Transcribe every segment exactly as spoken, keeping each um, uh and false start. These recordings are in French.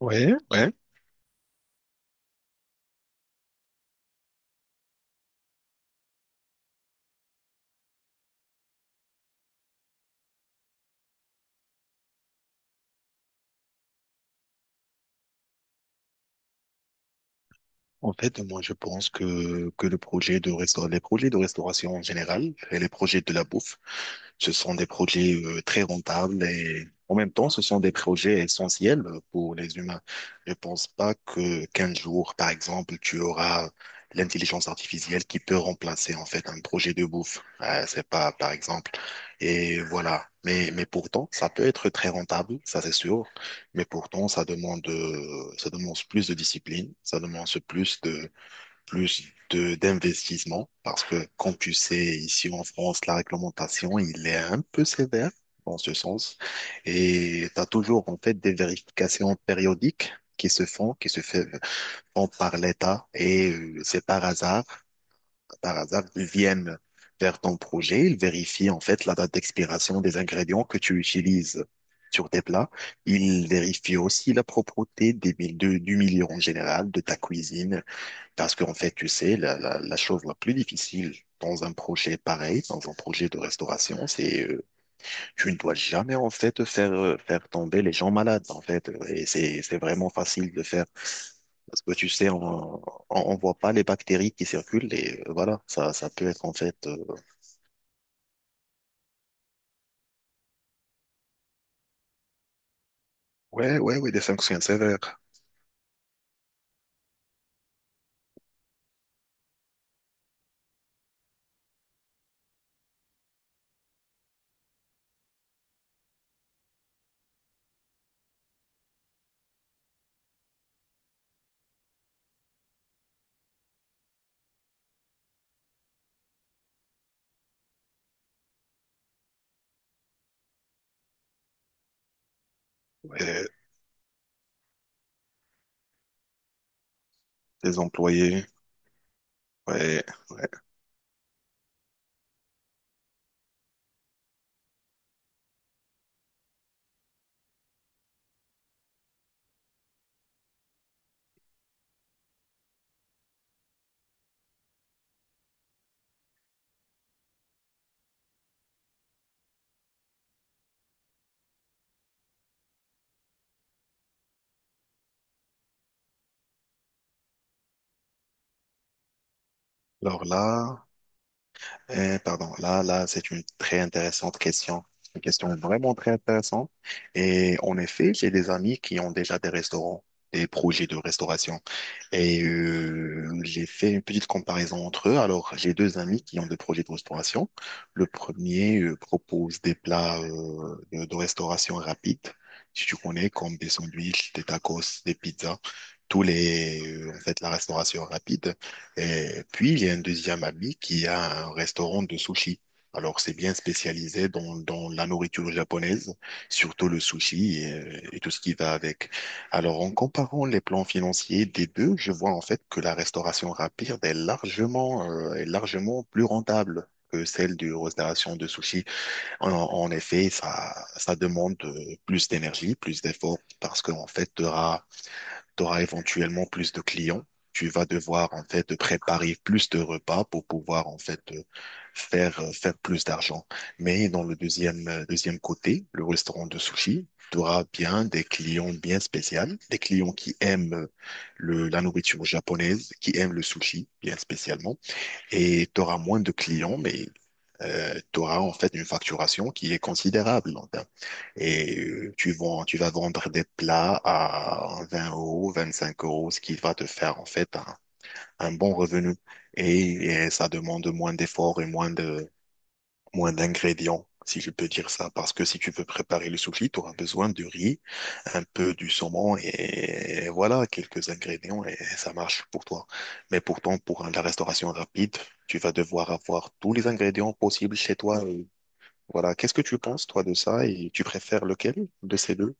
Ouais, ouais. En fait, moi, je pense que, que le projet de resta- les projets de restauration en général et les projets de la bouffe, ce sont des projets euh, très rentables et en même temps, ce sont des projets essentiels pour les humains. Je pense pas que quinze jours, par exemple, tu auras l'intelligence artificielle qui peut remplacer en fait un projet de bouffe. Euh, c'est pas, par exemple, et voilà. Mais, mais pourtant, ça peut être très rentable, ça c'est sûr. Mais pourtant, ça demande, euh, ça demande plus de discipline, ça demande plus de, plus de, d'investissement. Parce que, comme tu sais, ici en France, la réglementation, il est un peu sévère dans ce sens. Et tu as toujours, en fait, des vérifications périodiques qui se font, qui se fait- font par l'État. Et euh, c'est par hasard par hasard, ils viennent vers ton projet, ils vérifient en fait la date d'expiration des ingrédients que tu utilises sur tes plats. Ils vérifient aussi la propreté des, mil- de- du milieu en général, de ta cuisine, parce qu'en fait, tu sais, la, la, la chose la plus difficile dans un projet pareil, dans un projet de restauration, c'est euh, tu ne dois jamais en fait faire euh, faire tomber les gens malades en fait et c'est c'est vraiment facile de faire parce que tu sais on on, on voit pas les bactéries qui circulent et euh, voilà, ça ça peut être en fait euh, ouais, ouais, ouais. Des sanctions sévères. Ouais. Des employés. Ouais, ouais. Alors là. Euh, pardon, là, là, c'est une très intéressante question. Une question vraiment très intéressante. Et en effet, j'ai des amis qui ont déjà des restaurants, des projets de restauration. Et euh, j'ai fait une petite comparaison entre eux. Alors, j'ai deux amis qui ont des projets de restauration. Le premier euh, propose des plats euh, de, de restauration rapide, si tu connais, comme des sandwichs, des tacos, des pizzas, tous les, euh, en fait, la restauration rapide. Et puis, il y a un deuxième ami qui a un restaurant de sushi. Alors, c'est bien spécialisé dans, dans la nourriture japonaise, surtout le sushi et, et tout ce qui va avec. Alors, en comparant les plans financiers des deux, je vois en fait que la restauration rapide est largement, euh, est largement plus rentable que celle de restauration de sushi. En, en effet, ça, ça demande euh, plus d'énergie, plus d'efforts, parce qu'en fait, tu auras tu auras éventuellement plus de clients. Tu vas devoir en fait préparer plus de repas pour pouvoir en fait euh, faire euh, faire plus d'argent. Mais dans le deuxième euh, deuxième côté, le restaurant de sushi, tu auras bien des clients bien spéciaux, des clients qui aiment euh, le la nourriture japonaise, qui aiment le sushi bien spécialement, et tu auras moins de clients, mais euh, tu auras en fait une facturation qui est considérable en termes et euh, tu vends, tu vas vendre des plats à vingt euros, vingt-cinq euros, ce qui va te faire en fait un, un bon revenu. Et, et ça demande moins d'efforts et moins de, moins d'ingrédients, si je peux dire ça. Parce que si tu veux préparer le soufli, tu auras besoin de riz, un peu du saumon et, voilà, quelques ingrédients et ça marche pour toi. Mais pourtant, pour la restauration rapide, tu vas devoir avoir tous les ingrédients possibles chez toi. Voilà, qu'est-ce que tu penses, toi, de ça et tu préfères lequel de ces deux?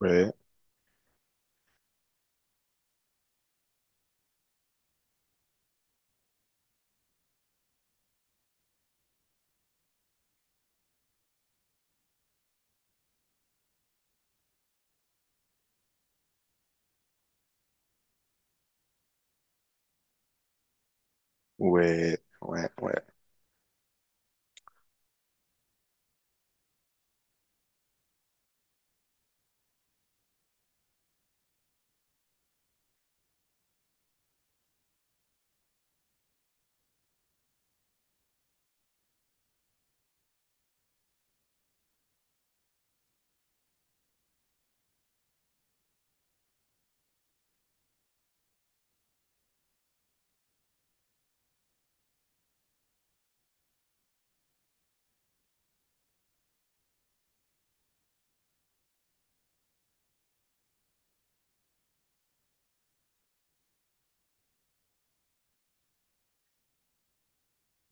Ouais, ouais, ouais, ouais,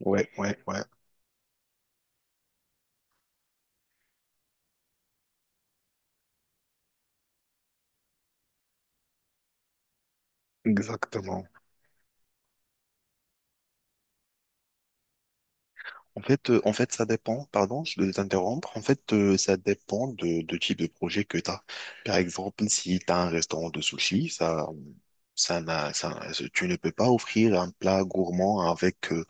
ouais, ouais, ouais, exactement. En fait, euh, en fait, ça dépend, pardon, je vais t'interrompre. En fait, euh, ça dépend de, de type de projet que tu as. Par exemple, si tu as un restaurant de sushi, ça, ça n'a, ça, tu ne peux pas offrir un plat gourmand avec, euh,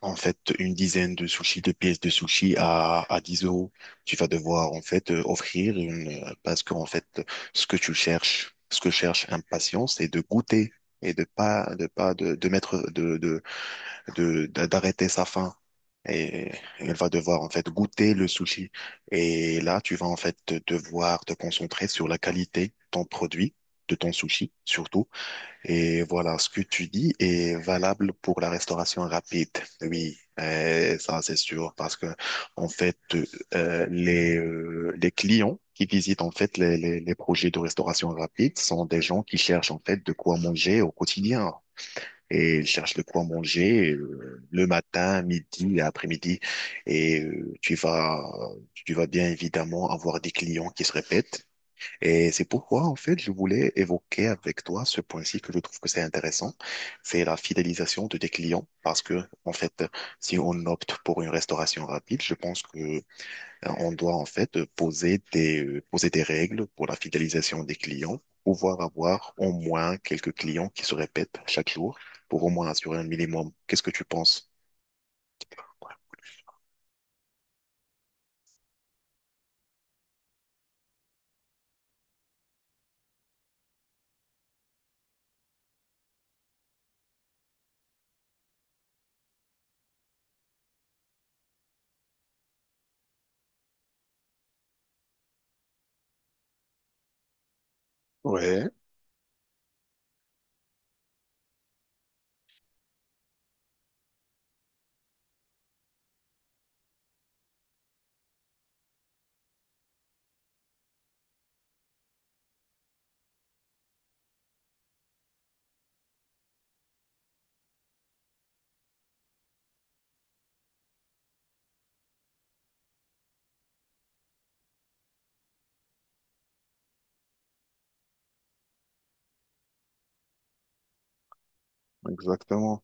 en fait, une dizaine de sushis, de pièces de sushi à, à dix euros. Tu vas devoir, en fait, euh, offrir une, parce qu'en fait, ce que tu cherches, ce que cherche un patient, c'est de goûter, et de pas de pas de, de mettre de de de- d'arrêter sa faim, et elle va devoir en fait goûter le sushi. Et là, tu vas en fait te- devoir te concentrer sur la qualité de ton produit, de ton sushi surtout. Et voilà, ce que tu dis est valable pour la restauration rapide. Oui, euh, ça c'est sûr parce que en fait euh, les euh, les clients qui visitent en fait les, les les projets de restauration rapide sont des gens qui cherchent en fait de quoi manger au quotidien et il cherche de quoi manger euh, le matin, midi et après-midi. Et euh, tu vas, tu vas bien évidemment avoir des clients qui se répètent. Et c'est pourquoi, en fait, je voulais évoquer avec toi ce point-ci que je trouve que c'est intéressant. C'est la fidélisation de tes clients. Parce que, en fait, si on opte pour une restauration rapide, je pense que on doit en fait euh, poser des, euh, poser des règles pour la fidélisation des clients, pouvoir avoir au moins quelques clients qui se répètent chaque jour pour au moins assurer un minimum. Qu'est-ce que tu penses? Ouais, exactement,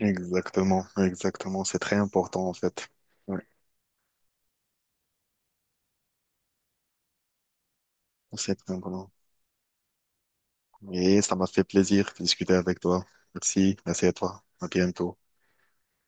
exactement, exactement. C'est très important en fait. Ouais, c'est très important. Et ça m'a fait plaisir de discuter avec toi. Merci, merci à toi. À bientôt.